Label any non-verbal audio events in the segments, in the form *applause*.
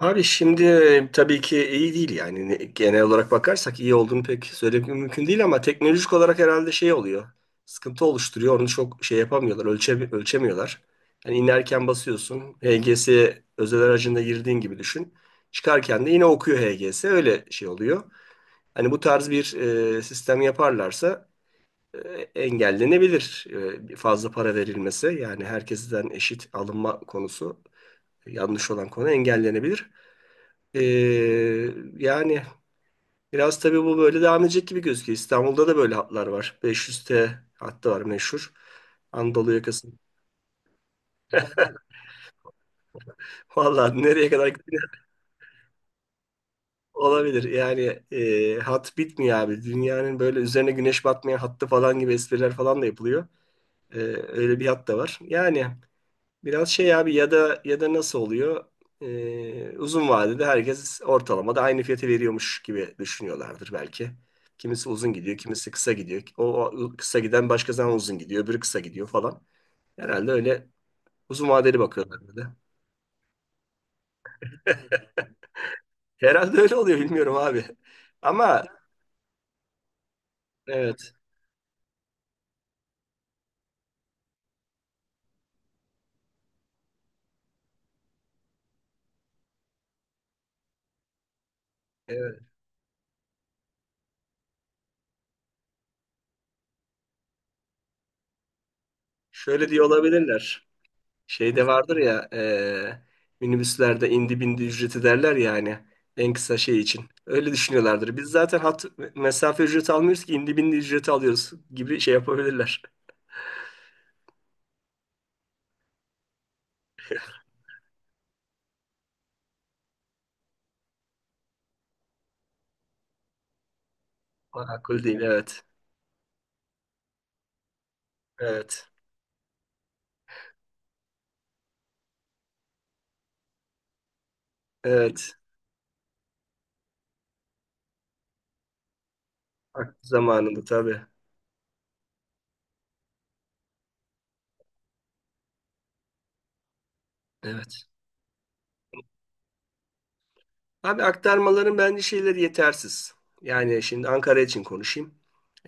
Abi şimdi tabii ki iyi değil, yani genel olarak bakarsak iyi olduğunu pek söylemek mümkün değil, ama teknolojik olarak herhalde şey oluyor. Sıkıntı oluşturuyor. Onu çok şey yapamıyorlar. Ölçemiyorlar. Yani inerken basıyorsun. HGS özel aracında girdiğin gibi düşün. Çıkarken de yine okuyor HGS. Öyle şey oluyor. Hani bu tarz bir sistem yaparlarsa e, engellenebilir. Fazla para verilmesi, yani herkesten eşit alınma konusu, yanlış olan konu engellenebilir. Ee, Yani biraz tabii bu böyle devam edecek gibi gözüküyor. İstanbul'da da böyle hatlar var. 500T hattı var, meşhur. Anadolu yakası. *laughs* Vallahi nereye kadar gidiyor olabilir. Yani, hat bitmiyor abi. Dünyanın böyle üzerine güneş batmayan hattı falan gibi espriler falan da yapılıyor. Ee, Öyle bir hat da var. Yani biraz şey abi, ya da nasıl oluyor? Uzun vadede herkes ortalamada aynı fiyatı veriyormuş gibi düşünüyorlardır belki. Kimisi uzun gidiyor, kimisi kısa gidiyor. O kısa giden başka zaman uzun gidiyor, öbürü kısa gidiyor falan. Herhalde öyle uzun vadeli bakıyorlar bir de. *laughs* Herhalde öyle oluyor, bilmiyorum abi. Ama evet, evet. Şöyle diye olabilirler. Şeyde vardır ya, minibüslerde indi bindi ücreti derler ya, hani en kısa şey için. Öyle düşünüyorlardır. Biz zaten hat mesafe ücreti almıyoruz ki indi bindi ücreti alıyoruz gibi şey yapabilirler. Makul değil, evet. Evet. Evet. Zamanında tabii. Evet. Abi aktarmaların bence şeyleri yetersiz. Yani şimdi Ankara için konuşayım.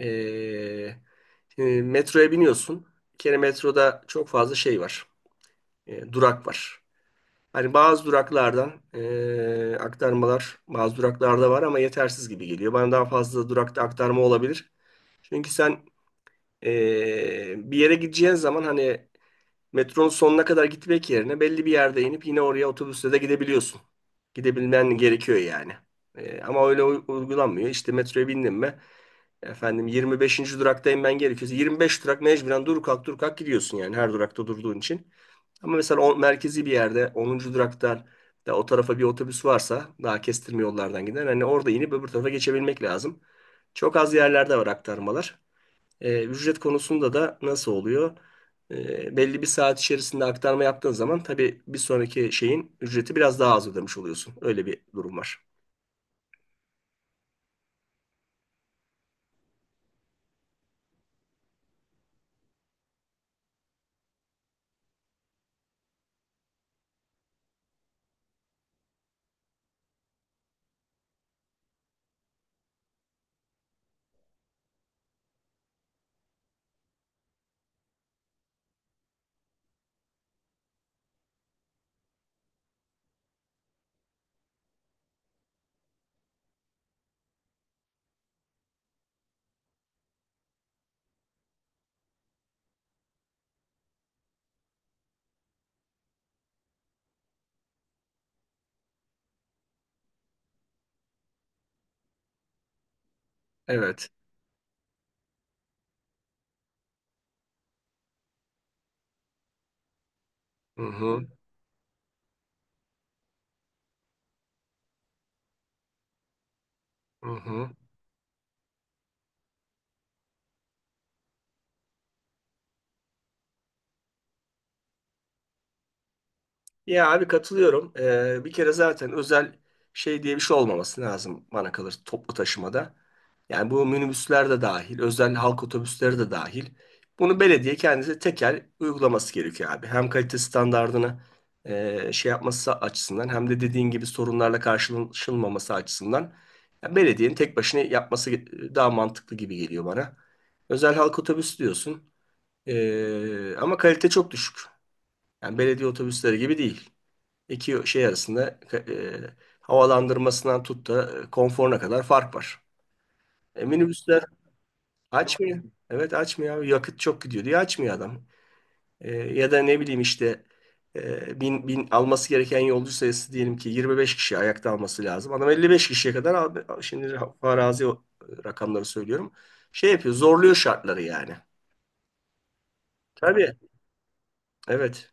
Eee, Şimdi metroya biniyorsun. Bir kere metroda çok fazla şey var. Durak var. Hani bazı duraklardan aktarmalar bazı duraklarda var ama yetersiz gibi geliyor. Bana daha fazla durakta aktarma olabilir. Çünkü sen bir yere gideceğin zaman hani metronun sonuna kadar gitmek yerine belli bir yerde inip yine oraya otobüsle de gidebiliyorsun. Gidebilmen gerekiyor yani. Ama öyle uygulanmıyor. İşte metroya bindim mi, efendim 25. duraktayım, ben gerekiyorsa 25 durak mecburen dur kalk dur kalk gidiyorsun yani, her durakta durduğun için. Ama mesela o merkezi bir yerde onuncu duraktan da o tarafa bir otobüs varsa daha kestirme yollardan giden, hani orada inip öbür tarafa geçebilmek lazım. Çok az yerlerde var aktarmalar. Ücret konusunda da nasıl oluyor? Belli bir saat içerisinde aktarma yaptığın zaman tabii bir sonraki şeyin ücreti biraz daha az ödemiş oluyorsun. Öyle bir durum var. Evet. Hı hı. Hı hı. Ya abi, katılıyorum. Bir kere zaten özel şey diye bir şey olmaması lazım bana kalır, toplu taşımada. Yani bu minibüsler de dahil, özel halk otobüsleri de dahil. Bunu belediye kendisi tekel uygulaması gerekiyor abi. Hem kalite standardını şey yapması açısından, hem de dediğin gibi sorunlarla karşılaşılmaması açısından, ya belediyenin tek başına yapması daha mantıklı gibi geliyor bana. Özel halk otobüsü diyorsun. Ama kalite çok düşük. Yani belediye otobüsleri gibi değil. İki şey arasında havalandırmasından tut da konforuna kadar fark var. Minibüsler açmıyor. Evet, açmıyor abi. Yakıt çok gidiyor diye açmıyor adam. Ya da ne bileyim işte, bin alması gereken yolcu sayısı, diyelim ki 25 kişi ayakta alması lazım. Adam 55 kişiye kadar aldı. Şimdi farazi rakamları söylüyorum. Şey yapıyor, zorluyor şartları yani. Tabii. Evet.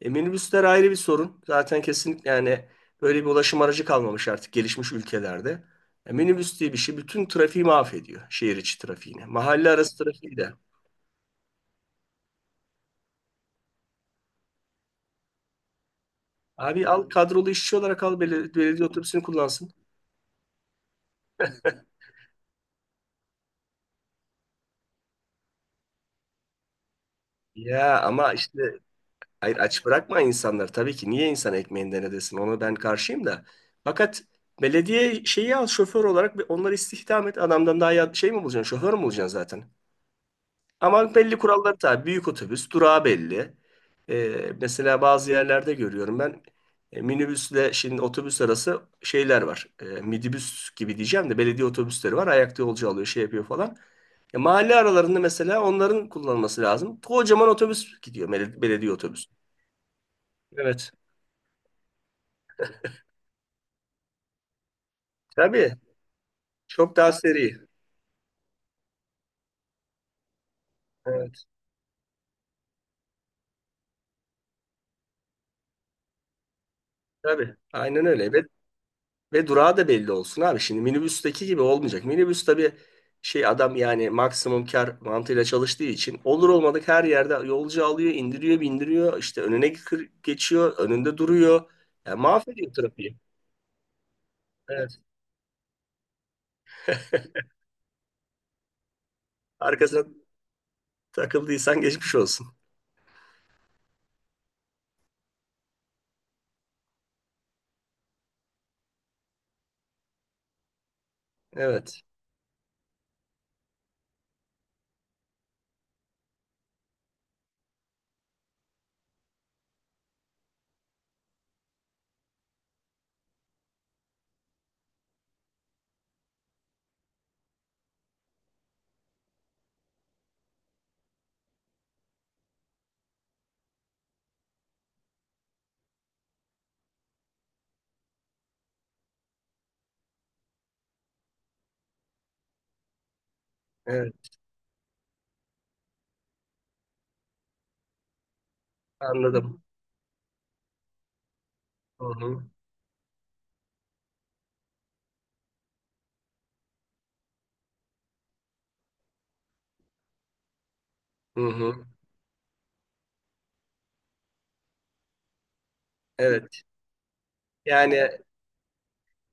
Minibüsler ayrı bir sorun. Zaten kesinlikle yani böyle bir ulaşım aracı kalmamış artık gelişmiş ülkelerde. Minibüs diye bir şey bütün trafiği mahvediyor. Şehir içi trafiğini. Mahalle arası trafiği de. Abi al, kadrolu işçi olarak al, belediye otobüsünü kullansın. Ya ama işte, hayır, aç bırakma insanları. Tabii ki niye insan ekmeğinden edesin? Ona ben karşıyım da. Fakat belediye şeyi al şoför olarak ve onları istihdam et. Adamdan daha şey mi bulacaksın? Şoför mü bulacaksın zaten? Ama belli kuralları tabii. Büyük otobüs, durağı belli. Mesela bazı yerlerde görüyorum ben, minibüsle şimdi otobüs arası şeyler var. Midibüs gibi diyeceğim de, belediye otobüsleri var. Ayakta yolcu alıyor, şey yapıyor falan. Mahalle aralarında mesela onların kullanılması lazım. Kocaman otobüs gidiyor, belediye otobüsü. Evet. Tabii. Çok daha seri. Evet. Tabii. Aynen öyle. Ve durağı da belli olsun abi. Şimdi minibüsteki gibi olmayacak. Minibüs tabii, şey adam yani maksimum kar mantığıyla çalıştığı için olur olmadık her yerde yolcu alıyor, indiriyor, bindiriyor. İşte önüne geçiyor, önünde duruyor. Yani mahvediyor trafiği. Evet. *laughs* Arkasına takıldıysan geçmiş olsun. Evet. Evet. Anladım. Hı hı. Hı hı. Evet. Yani,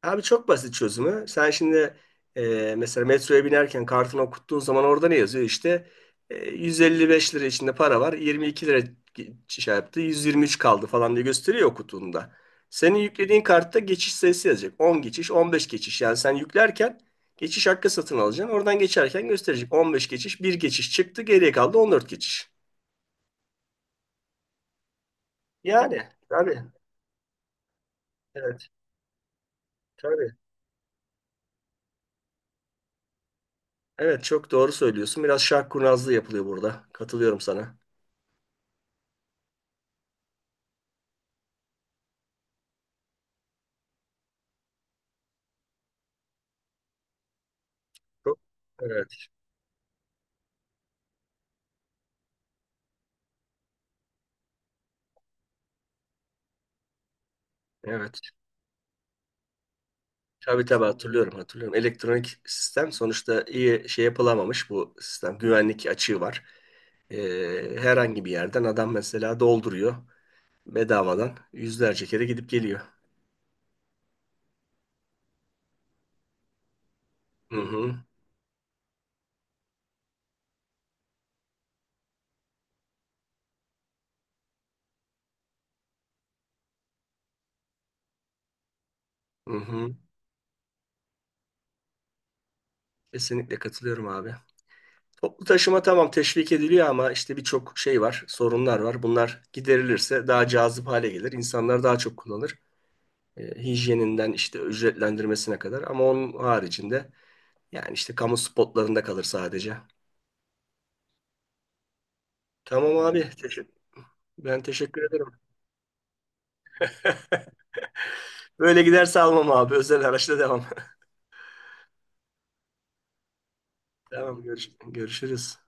abi çok basit çözümü. Sen şimdi mesela metroya binerken kartını okuttuğun zaman orada ne yazıyor? İşte 155 lira içinde para var. 22 lira şey yaptı. 123 kaldı falan diye gösteriyor okuduğunda. Senin yüklediğin kartta geçiş sayısı yazacak. 10 geçiş, 15 geçiş. Yani sen yüklerken geçiş hakkı satın alacaksın. Oradan geçerken gösterecek. 15 geçiş, bir geçiş çıktı. Geriye kaldı 14 geçiş. Yani tabii. Evet, tabii. Evet, çok doğru söylüyorsun. Biraz şark kurnazlığı yapılıyor burada. Katılıyorum sana. Evet, evet. Tabii tabii, hatırlıyorum, hatırlıyorum. Elektronik sistem sonuçta, iyi şey yapılamamış bu sistem. Güvenlik açığı var. Herhangi bir yerden adam mesela dolduruyor, bedavadan yüzlerce kere gidip geliyor. Hı hı, hı hı. Kesinlikle katılıyorum abi. Toplu taşıma tamam, teşvik ediliyor ama işte birçok şey var, sorunlar var. Bunlar giderilirse daha cazip hale gelir. İnsanlar daha çok kullanır. Hijyeninden işte ücretlendirmesine kadar. Ama onun haricinde, yani işte kamu spotlarında kalır sadece. Tamam abi. Evet. Teşekkür. Ben teşekkür ederim. Böyle giderse almam abi. Özel araçla devam. *laughs* Tamam, görüşürüz.